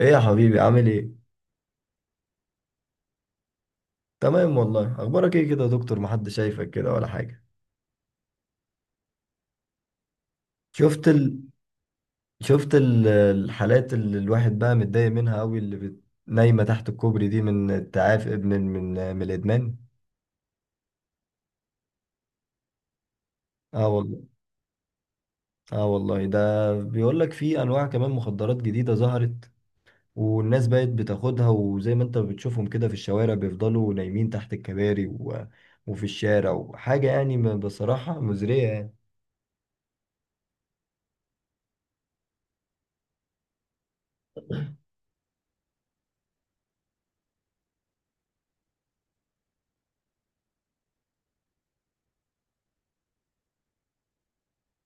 ايه يا حبيبي، عامل ايه؟ تمام والله. اخبارك ايه كده يا دكتور؟ محدش شايفك كده ولا حاجه. شفت ال... الحالات اللي الواحد بقى متضايق منها قوي، اللي نايمه تحت الكوبري دي، من التعافي من الادمان. اه والله. اه والله، ده بيقول لك في انواع كمان مخدرات جديده ظهرت، والناس بقت بتاخدها، وزي ما انت بتشوفهم كده في الشوارع بيفضلوا نايمين تحت الكباري وفي الشارع وحاجه، يعني بصراحه مزريه يعني.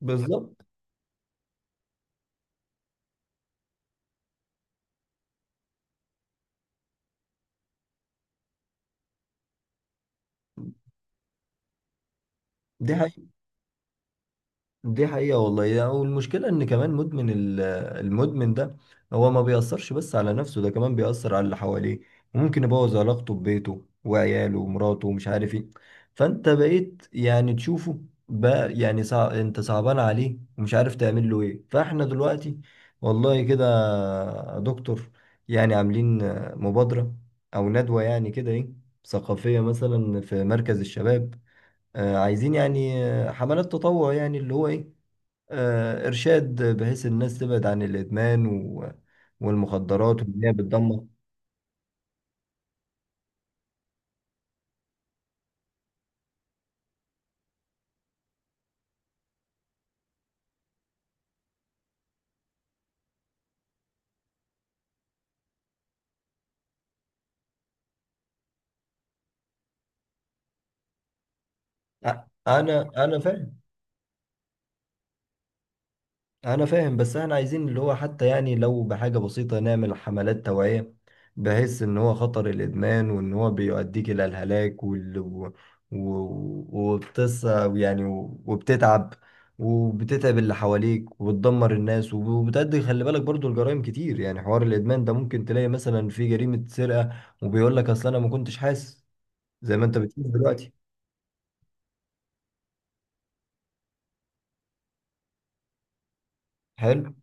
بالظبط. دي دي حقيقة والله والمشكلة إن كمان المدمن ده هو ما بيأثرش بس على نفسه، ده كمان بيأثر على اللي حواليه، وممكن يبوظ علاقته ببيته وعياله ومراته ومش عارف إيه. فأنت بقيت يعني تشوفه، بقى يعني أنت صعبان عليه ومش عارف تعمل له إيه. فإحنا دلوقتي والله كده يا دكتور، يعني عاملين مبادرة أو ندوة يعني كده إيه، ثقافية مثلا في مركز الشباب. عايزين يعني حملات تطوع، يعني اللي هو إيه، إرشاد، بحيث الناس تبعد عن الإدمان والمخدرات، وإن هي بتدمر. أ- أنا فاهم. انا فاهم، بس احنا عايزين اللي هو حتى يعني لو بحاجة بسيطة نعمل حملات توعية، بحيث ان هو خطر الادمان، وان هو بيؤديك الى الهلاك، وال... و... و... وبتص يعني وبتتعب اللي حواليك، وبتدمر الناس، وبتأدي. خلي بالك برضو الجرائم كتير يعني، حوار الادمان ده ممكن تلاقي مثلا في جريمة سرقة، وبيقول لك اصل انا ما كنتش حاسس، زي ما انت بتقول دلوقتي. حلو.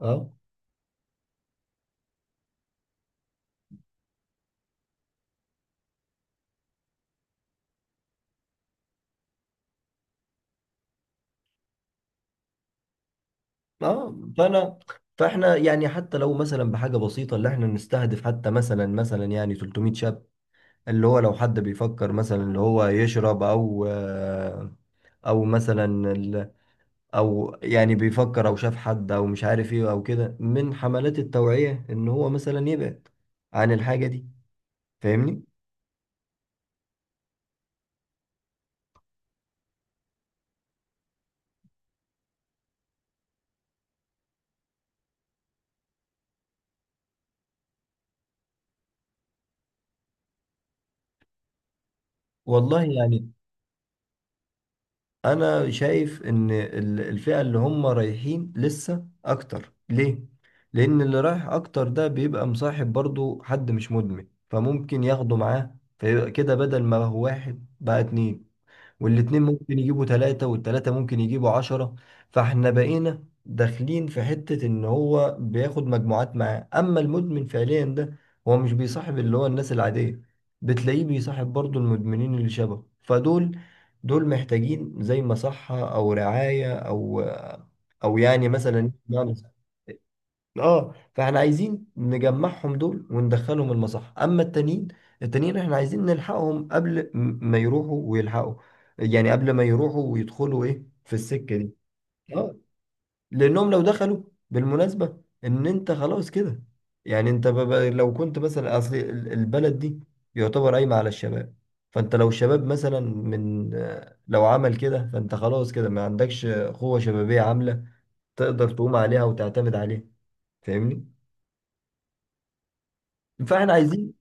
اه. اه. فاحنا يعني حتى لو مثلا بحاجه بسيطه، اللي احنا نستهدف حتى مثلا يعني 300 شاب، اللي هو لو حد بيفكر مثلا اللي هو يشرب او او مثلا ال- او يعني بيفكر او شاف حد او مش عارف ايه او كده، من حملات التوعيه، ان هو مثلا يبعد عن الحاجه دي. فاهمني؟ والله يعني انا شايف ان الفئة اللي هم رايحين لسه اكتر، ليه؟ لان اللي رايح اكتر ده بيبقى مصاحب برضو حد مش مدمن، فممكن ياخده معاه، فيبقى كده بدل ما هو واحد بقى اتنين، والاتنين ممكن يجيبوا تلاتة، والتلاتة ممكن يجيبوا عشرة. فاحنا بقينا داخلين في حتة ان هو بياخد مجموعات معاه. اما المدمن فعليا ده، هو مش بيصاحب اللي هو الناس العادية، بتلاقيه بيصاحب برضو المدمنين اللي شبهه. فدول محتاجين زي مصحة او رعاية او يعني مثلا. اه، فاحنا عايزين نجمعهم دول وندخلهم المصح. اما التانيين احنا عايزين نلحقهم قبل ما يروحوا ويلحقوا، يعني قبل ما يروحوا ويدخلوا ايه في السكة دي. اه، لانهم لو دخلوا بالمناسبة ان انت خلاص كده، يعني انت لو كنت مثلا اصل البلد دي يعتبر قايمة على الشباب، فانت لو شباب مثلا من لو عمل كده، فانت خلاص كده ما عندكش قوة شبابية عاملة تقدر تقوم عليها وتعتمد عليها. فاهمني؟ فاحنا عايزين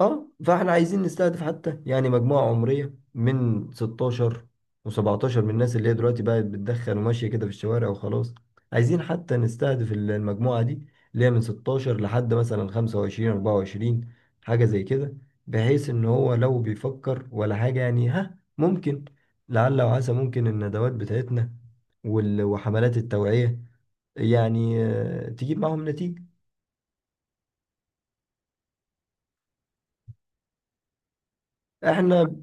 اه فاحنا عايزين نستهدف حتى يعني مجموعة عمرية من 16 و17، من الناس اللي هي دلوقتي بقت بتدخن وماشية كده في الشوارع وخلاص. عايزين حتى نستهدف المجموعة دي اللي هي من 16 لحد مثلا 25 24، حاجة زي كده، بحيث ان هو لو بيفكر ولا حاجة، يعني ها، ممكن لعل وعسى ممكن الندوات بتاعتنا وحملات التوعية، يعني تجيب معهم نتيجة. احنا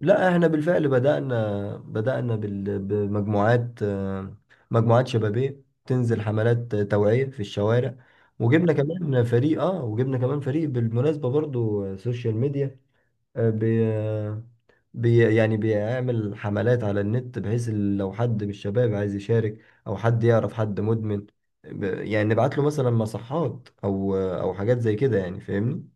لا، احنا بالفعل بدأنا بمجموعات، مجموعات شبابية تنزل حملات توعية في الشوارع. وجبنا كمان فريق بالمناسبة برضو، سوشيال ميديا. آه، بي آه، بي يعني بيعمل حملات على النت، بحيث لو حد من الشباب عايز يشارك، او حد يعرف حد مدمن، يعني نبعت له مثلا مصحات او حاجات زي كده يعني. فاهمني؟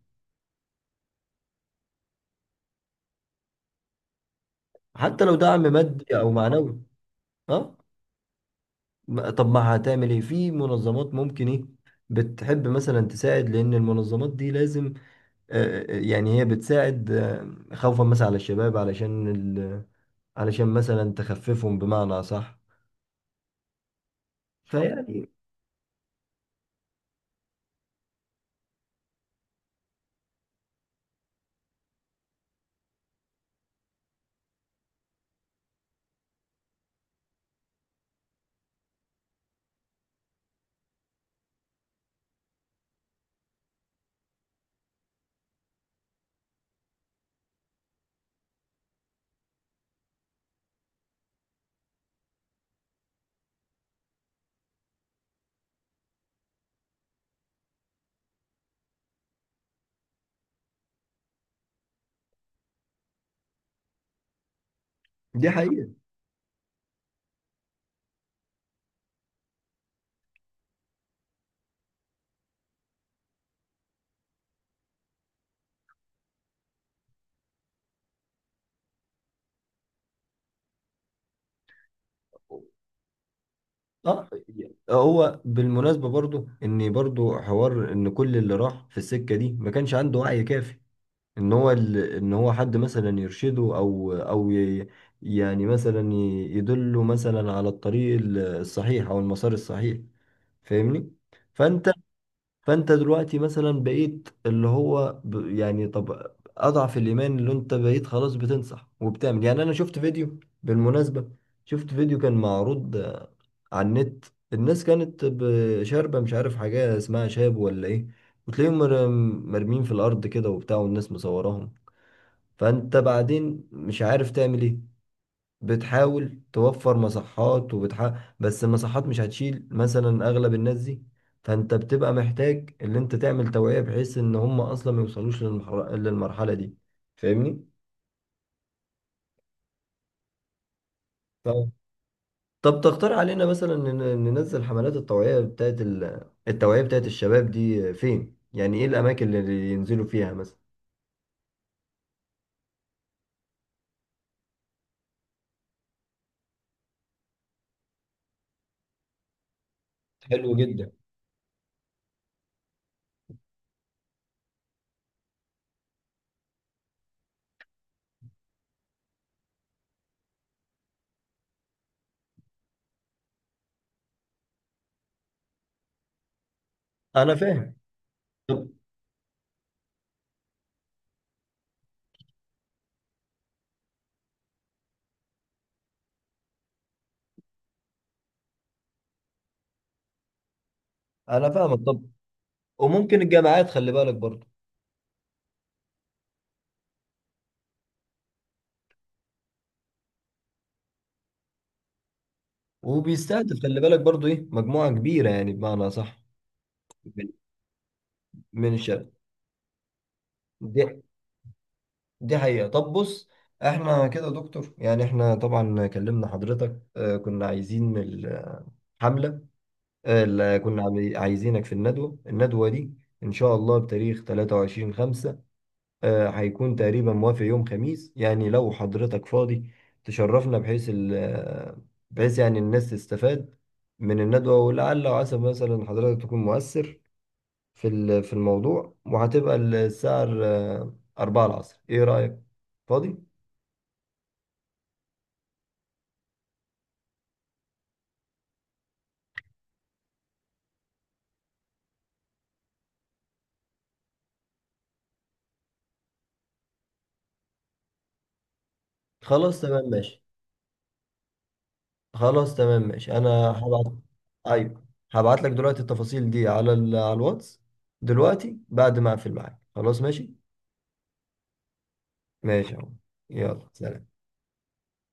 حتى لو دعم مادي او معنوي. اه. طب ما هتعمل ايه في منظمات ممكن ايه بتحب مثلا تساعد، لان المنظمات دي لازم، يعني هي بتساعد، خوفا مثلا على الشباب، علشان علشان مثلا تخففهم بمعنى صح، فيعني. دي حقيقة. اه، هو بالمناسبة برضو ان برضو حوار ان كل اللي راح في السكة دي ما كانش عنده وعي كافي، ان هو ان هو حد مثلا يرشده او يعني مثلا يدله مثلا على الطريق الصحيح او المسار الصحيح. فاهمني؟ فانت فانت دلوقتي مثلا بقيت اللي هو يعني طب اضعف الايمان، اللي انت بقيت خلاص بتنصح وبتعمل، يعني انا شفت فيديو بالمناسبة شفت فيديو كان معروض على النت، الناس كانت شاربة مش عارف حاجة اسمها شاب ولا ايه، وتلاقيهم مرميين في الارض كده وبتاع، والناس مصوراهم. فانت بعدين مش عارف تعمل ايه، بتحاول توفر مصحات، وبتحاول، بس المصحات مش هتشيل مثلا اغلب الناس دي، فانت بتبقى محتاج ان انت تعمل توعية بحيث ان هم اصلا ما يوصلوش للمرحلة دي. فاهمني؟ ف- طب تقترح علينا مثلا ننزل حملات التوعية بتاعت التوعية بتاعت الشباب دي فين؟ يعني ايه الاماكن اللي ينزلوا فيها مثلا؟ حلو جدا. انا فاهم. طب انا فاهمك. طب وممكن الجامعات، خلي بالك برضه، وبيستهدف خلي بالك برضو ايه مجموعة كبيرة يعني بمعنى صح، من من الشرق. دي دي حقيقة. طب بص، احنا كده يا دكتور يعني احنا طبعا كلمنا حضرتك، اه كنا عايزين الحملة، اه لا، كنا عايزينك في الندوة دي، ان شاء الله بتاريخ 23 5، اه هيكون تقريبا موافق يوم خميس، يعني لو حضرتك فاضي تشرفنا، بحيث بحيث يعني الناس تستفاد من الندوة، ولعل وعسى مثلا حضرتك تكون مؤثر في الموضوع، وهتبقى الساعة أربعة العصر. إيه رأيك؟ فاضي؟ خلاص تمام ماشي خلاص تمام ماشي. أنا هبعت أيوه، هبعت لك دلوقتي التفاصيل دي على على الواتس، دلوقتي بعد ما أقفل معاك. خلاص ماشي؟ ماشي أهو، يلا سلام.